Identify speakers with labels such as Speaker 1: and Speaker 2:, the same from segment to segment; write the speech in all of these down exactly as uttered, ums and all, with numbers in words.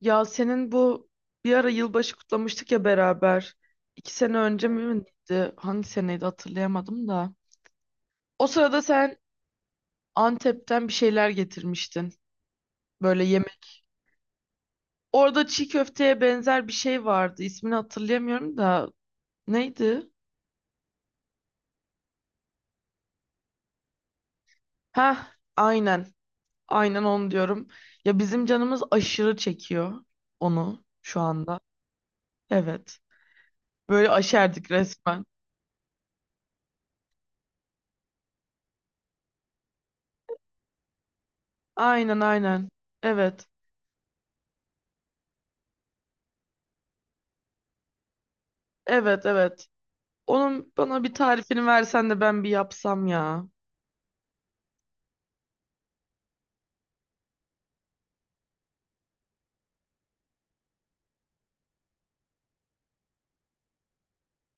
Speaker 1: Ya senin bu bir ara yılbaşı kutlamıştık ya beraber. İki sene önce mi miydi? Hangi seneydi hatırlayamadım da. O sırada sen Antep'ten bir şeyler getirmiştin. Böyle yemek. Orada çiğ köfteye benzer bir şey vardı. İsmini hatırlayamıyorum da. Neydi? Heh, aynen. Aynen onu diyorum. Ya bizim canımız aşırı çekiyor onu şu anda. Evet. Böyle aşerdik resmen. Aynen aynen. Evet. Evet evet. Onun bana bir tarifini versen de ben bir yapsam ya.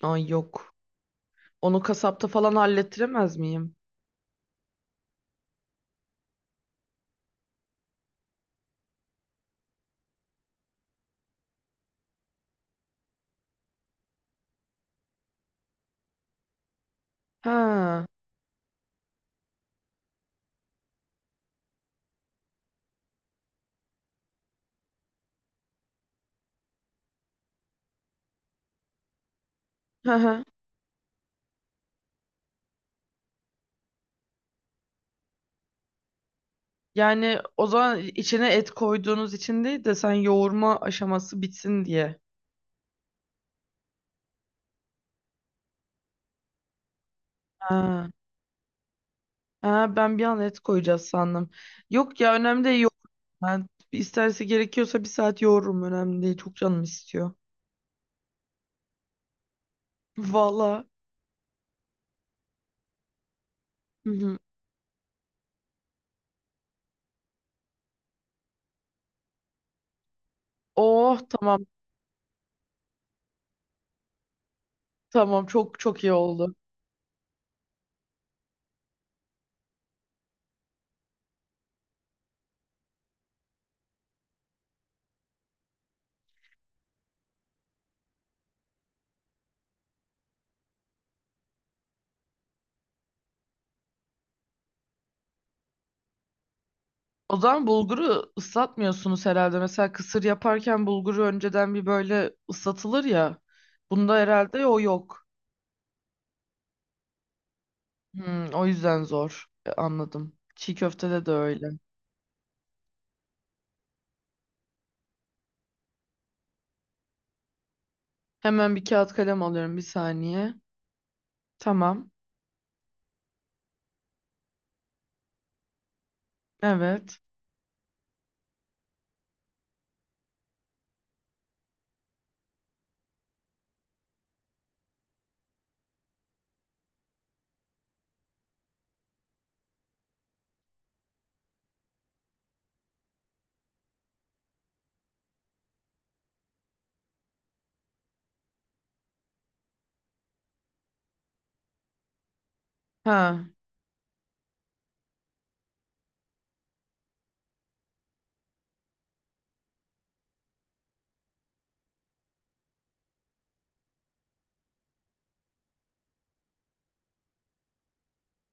Speaker 1: Ay yok. Onu kasapta falan hallettiremez miyim? Ha. Hı hı. Yani o zaman içine et koyduğunuz için değil de sen yoğurma aşaması bitsin diye. Ha. Ha, ben bir an et koyacağız sandım. Yok ya önemli değil yoğur. Ben isterse gerekiyorsa bir saat yoğururum önemli değil. Çok canım istiyor. Valla. Hı hı. Oh, tamam. Tamam, çok çok iyi oldu. O zaman bulguru ıslatmıyorsunuz herhalde. Mesela kısır yaparken bulguru önceden bir böyle ıslatılır ya. Bunda herhalde o yok. Hmm, o yüzden zor. E, anladım. Çiğ köftede de öyle. Hemen bir kağıt kalem alıyorum, bir saniye. Tamam. Evet. Ha.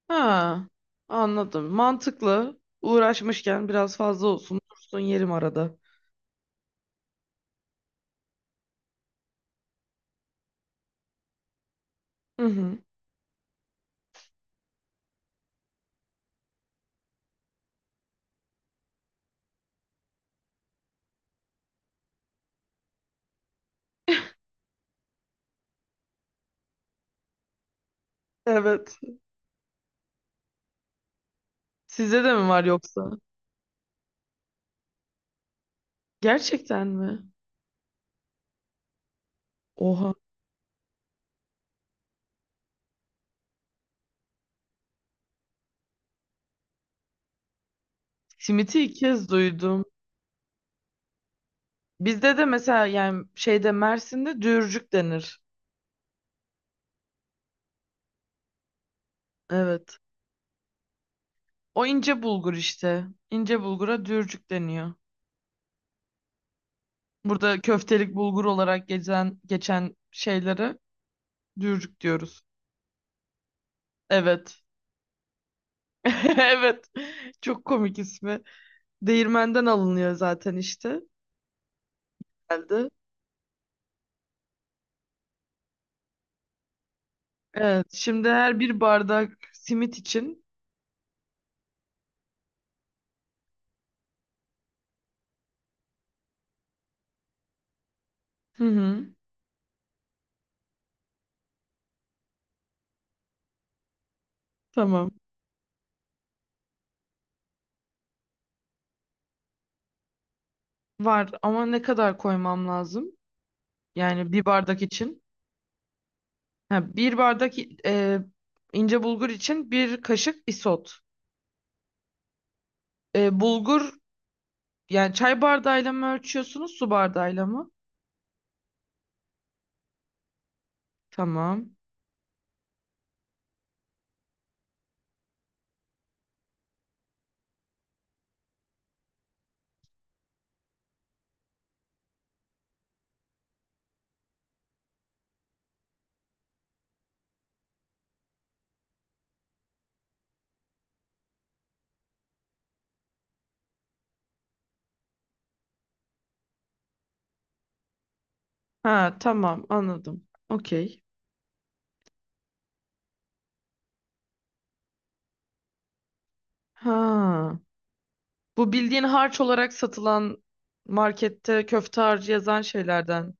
Speaker 1: Ha. Anladım. Mantıklı. Uğraşmışken biraz fazla olsun. Dursun, yerim arada. Hı hı. Evet. Sizde de mi var yoksa? Gerçekten mi? Oha. Simit'i ilk kez duydum. Bizde de mesela yani şeyde Mersin'de dürcük denir. Evet. O ince bulgur işte. İnce bulgura dürcük deniyor. Burada köftelik bulgur olarak geçen geçen şeylere dürcük diyoruz. Evet. Evet. Çok komik ismi. Değirmenden alınıyor zaten işte. Geldi. Evet. Şimdi her bir bardak simit için. Hı hı. Tamam. Var ama ne kadar koymam lazım? Yani bir bardak için. Ha, bir bardak i- e, ince bulgur için bir kaşık isot. E, bulgur yani çay bardağıyla mı ölçüyorsunuz, su bardağıyla mı? Tamam. Ha, tamam, anladım. Okey. Ha, bu bildiğin harç olarak satılan markette köfte harcı yazan şeylerden.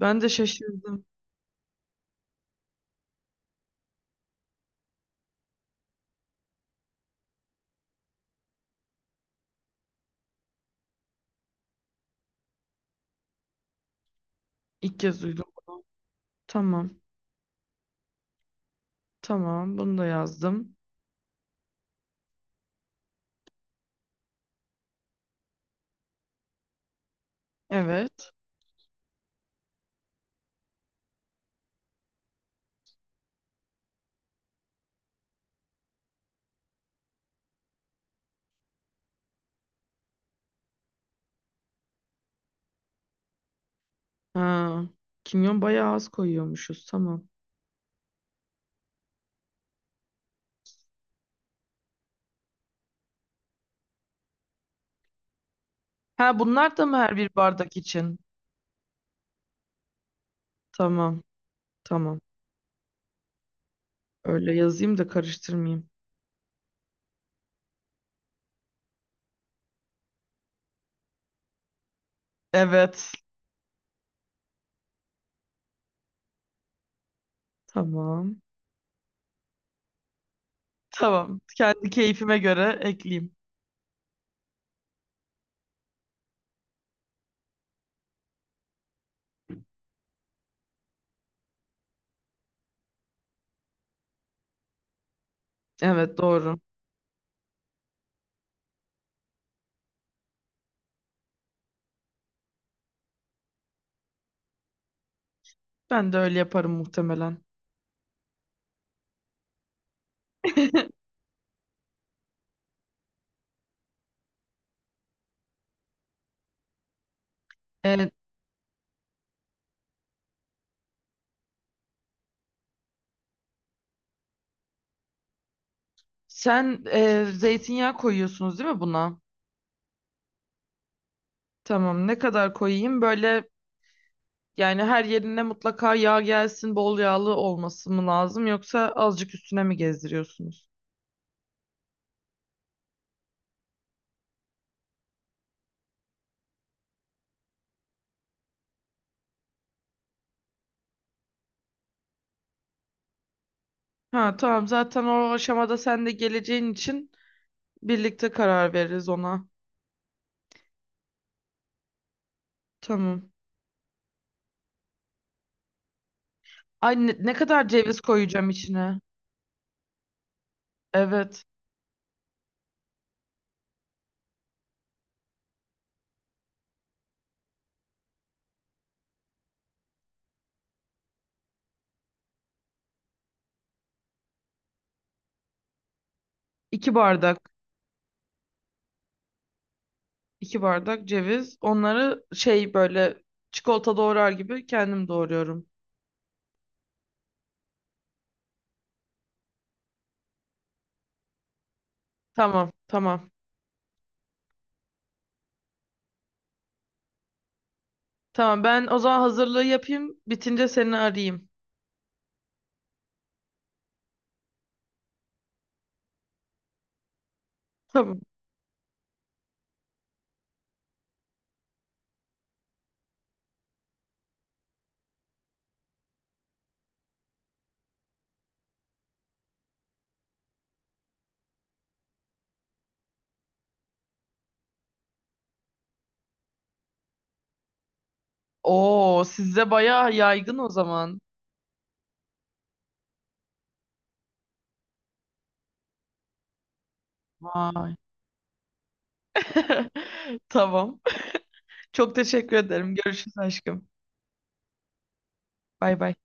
Speaker 1: Ben de şaşırdım. İlk kez duydum bunu. Tamam. Tamam, bunu da yazdım. Evet. Ha, kimyon bayağı az koyuyormuşuz, tamam. Ha, bunlar da mı her bir bardak için? Tamam. Tamam. Öyle yazayım da karıştırmayayım. Evet. Tamam. Tamam. Kendi keyfime göre ekleyeyim. Evet, doğru. Ben de öyle yaparım muhtemelen. Ee, Sen e, zeytinyağı koyuyorsunuz değil mi buna? Tamam. Ne kadar koyayım? Böyle yani her yerine mutlaka yağ gelsin, bol yağlı olması mı lazım yoksa azıcık üstüne mi gezdiriyorsunuz? Ha, tamam. Zaten o aşamada sen de geleceğin için birlikte karar veririz ona. Tamam. Ay, ne, ne kadar ceviz koyacağım içine? Evet. İki bardak. iki bardak ceviz. Onları şey böyle çikolata doğrar gibi kendim doğruyorum. Tamam, tamam. Tamam, ben o zaman hazırlığı yapayım. Bitince seni arayayım. Tamam. Oo, sizde bayağı yaygın o zaman. Vay. Tamam. Çok teşekkür ederim. Görüşürüz aşkım. Bay bay.